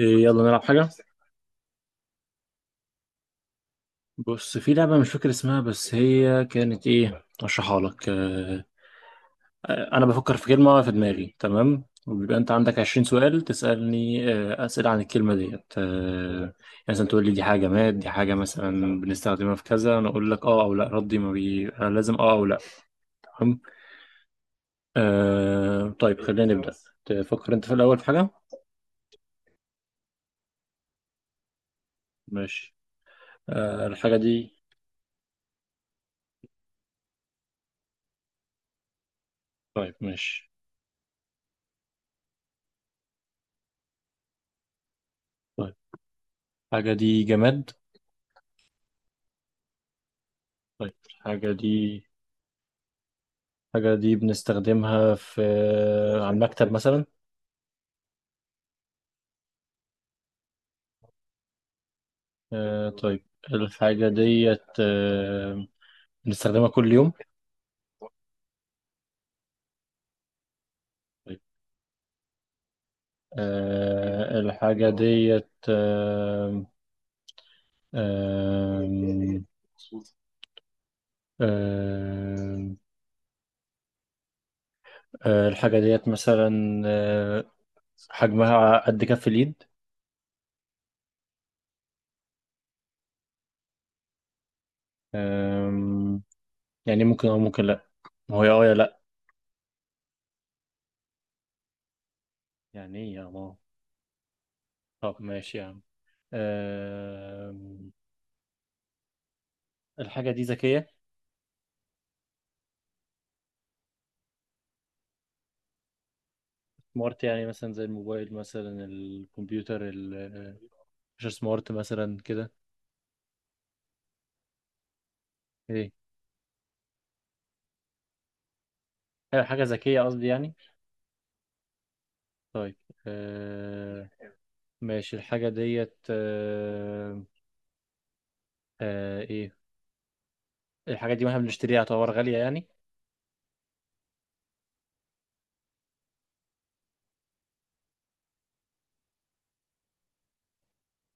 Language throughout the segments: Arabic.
إيه، يلا نلعب حاجة. بص، في لعبة مش فاكر اسمها بس هي كانت ايه، اشرحها لك. انا بفكر في كلمة في دماغي، تمام، وبيبقى انت عندك 20 سؤال تسألني، اسئلة عن الكلمة ديت، يعني مثلا تقول لي دي حاجة جماد، دي حاجة مثلا بنستخدمها في كذا، انا اقول لك اه او لا. ردي ما بي أنا لازم اه او لا. تمام. طيب خلينا نبدأ. تفكر انت في الاول في حاجة. ماشي. الحاجة دي. طيب ماشي. طيب الحاجة دي جماد. طيب الحاجة دي، الحاجة دي بنستخدمها في على المكتب مثلا. آه طيب. الحاجة ديت بنستخدمها كل يوم. طيب. الحاجة ديت آه آه الحاجة ديت مثلا آه حجمها قد كف اليد. آه. يعني ممكن أو ممكن لأ. ما هو يا اه يا لأ. يعني إيه يا ماما؟ طب ماشي يا عم. آه الحاجة دي ذكية، سمارت يعني، مثلا زي الموبايل مثلا الكمبيوتر مش سمارت مثلا كده. ايه. أيوة، حاجة ذكية قصدي يعني. طيب. آه ماشي. الحاجة ديت ايه. الحاجة دي واحنا بنشتريها تعتبر غالية يعني.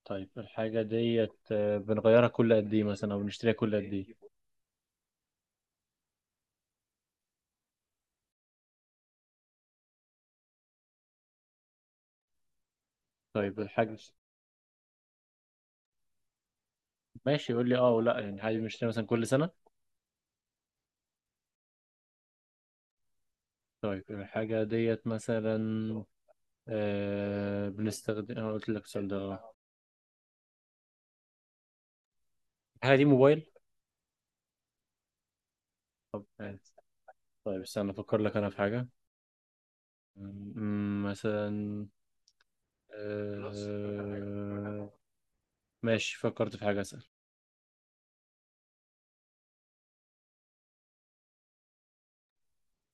طيب الحاجة ديت بنغيرها كل قد ايه مثلا، او بنشتريها كل قد ايه. طيب الحاجة، ماشي يقول لي اه ولا، يعني عادي بنشتريها مثلا كل سنة. طيب الحاجة ديت مثلا بنستخدم، انا قلت لك السؤال ده الحاجة دي موبايل. طب حلو. طيب استنى افكر لك انا في حاجة. مثلا آه، ماشي فكرت في حاجة اسأل.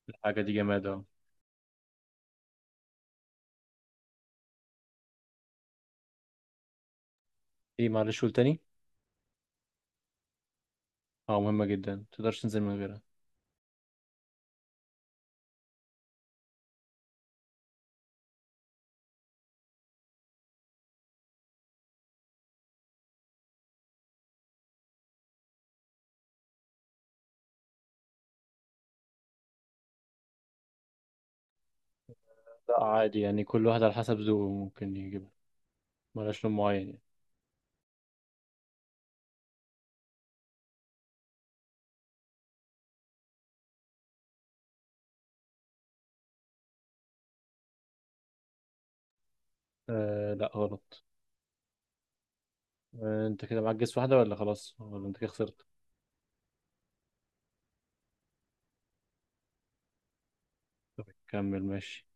الحاجة دي جماد اهو. ايه معلش قول تاني. اه مهمة جدا متقدرش تنزل من غيرها. لا عادي يعني كل واحد على حسب ذوقه ممكن يجيبها. ملهاش لون معين يعني. آه لا غلط. انت كده معاك جس واحدة ولا خلاص ولا انت كده خسرت. طب كمل ماشي.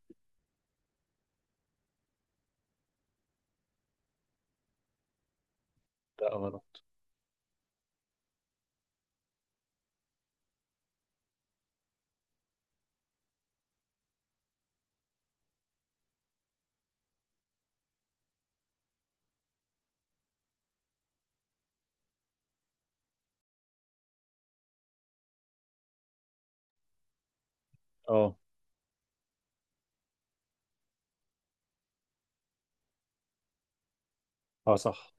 لا غلط. اه. اه صح.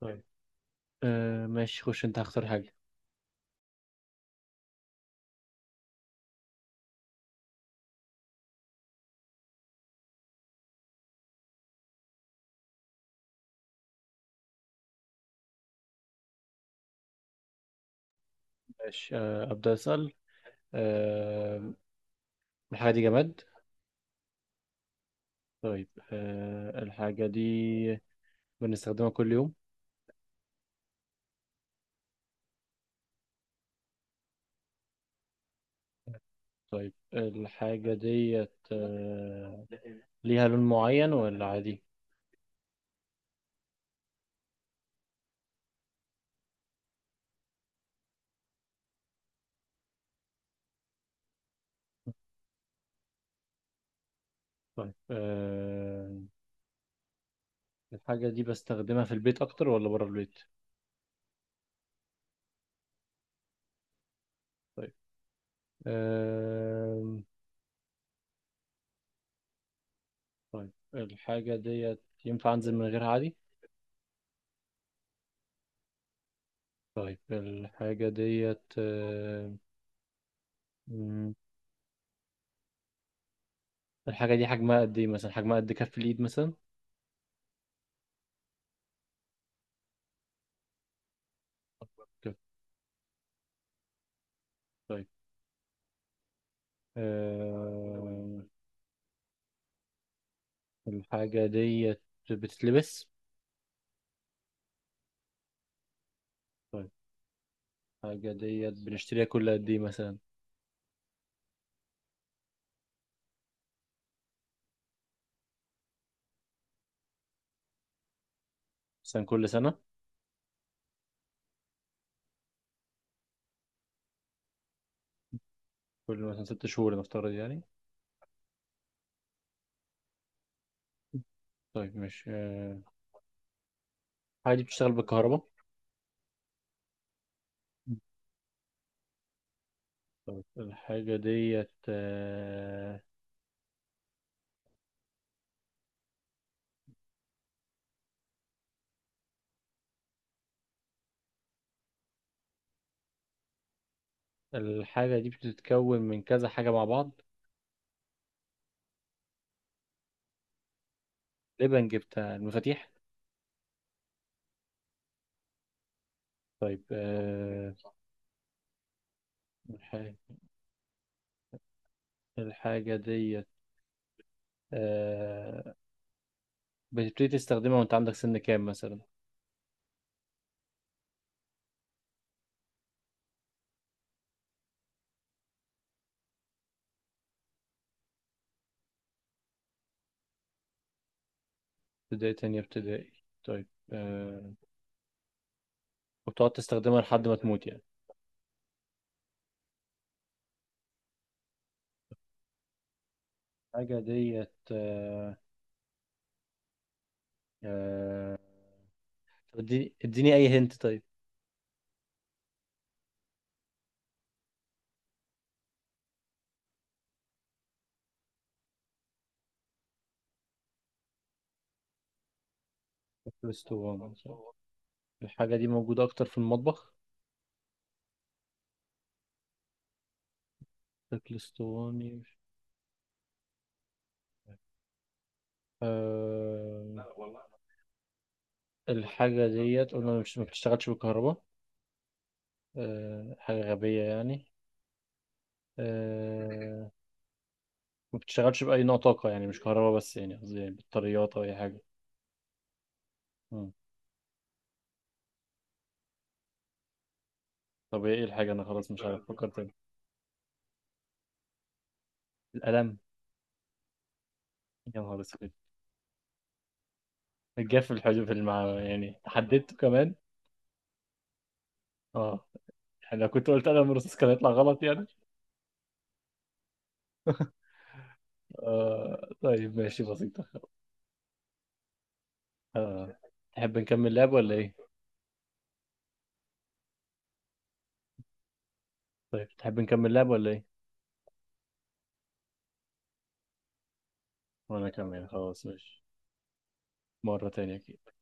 طيب ماشي خش انت هختار حاجة. ماشي. أبدأ أسأل. آه الحاجة دي جماد. طيب الحاجة دي بنستخدمها كل يوم. طيب الحاجة ديت ليها لون معين ولا عادي. طيب الحاجة دي بستخدمها في البيت أكتر ولا بره البيت. طيب آه طيب الحاجة ديت ينفع أنزل من غيرها عادي. طيب الحاجة ديت مم، الحاجة دي حجمها قد إيه، مثلا حجمها قد كف الإيد مثلا. كف. طيب آه الحاجة ديت بتتلبس. طيب الحاجة ديت بنشتريها كل قد إيه، مثلا مثلا كل سنة، كل مثلا ست شهور نفترض يعني. طيب مش الحاجة دي بتشتغل بالكهرباء. الحاجة ديت الحاجة دي بتتكون من كذا حاجة مع بعض. لبن جبتها المفاتيح. طيب الحاجة، الحاجة ديت آه، بتبتدي تستخدمها وأنت عندك سن كام مثلا. ابتدائي، تانية ابتدائي. طيب آه، وبتقعد تستخدمها لحد ما تموت يعني. حاجة ديت آه، طب اديني اديني أي هنت. طيب. فلفل اسطواني صح؟ الحاجة دي موجودة أكتر في المطبخ. فلفل اسطواني مش- آه، الحاجة ديت قلنا مش ما بتشتغلش بالكهرباء. حاجة غبية يعني. آه، ما بتشتغلش بأي نوع طاقة يعني، مش كهرباء بس يعني، قصدي يعني بطاريات أو أي حاجة. مم. طب إيه الحاجة؟ أنا خلاص مش عارف أفكر تاني. القلم. يا نهار أسود. الجاف في الحجم يعني حددته كمان. اه. يعني لو كنت قلت انا مرسوس كان هيطلع غلط يعني. آه طيب ماشي بسيطة. آه تحب نكمل لعب ولا ايه؟ طيب تحب نكمل لعب ولا ايه؟ وانا اكمل خلاص ماشي مرة تانية كده.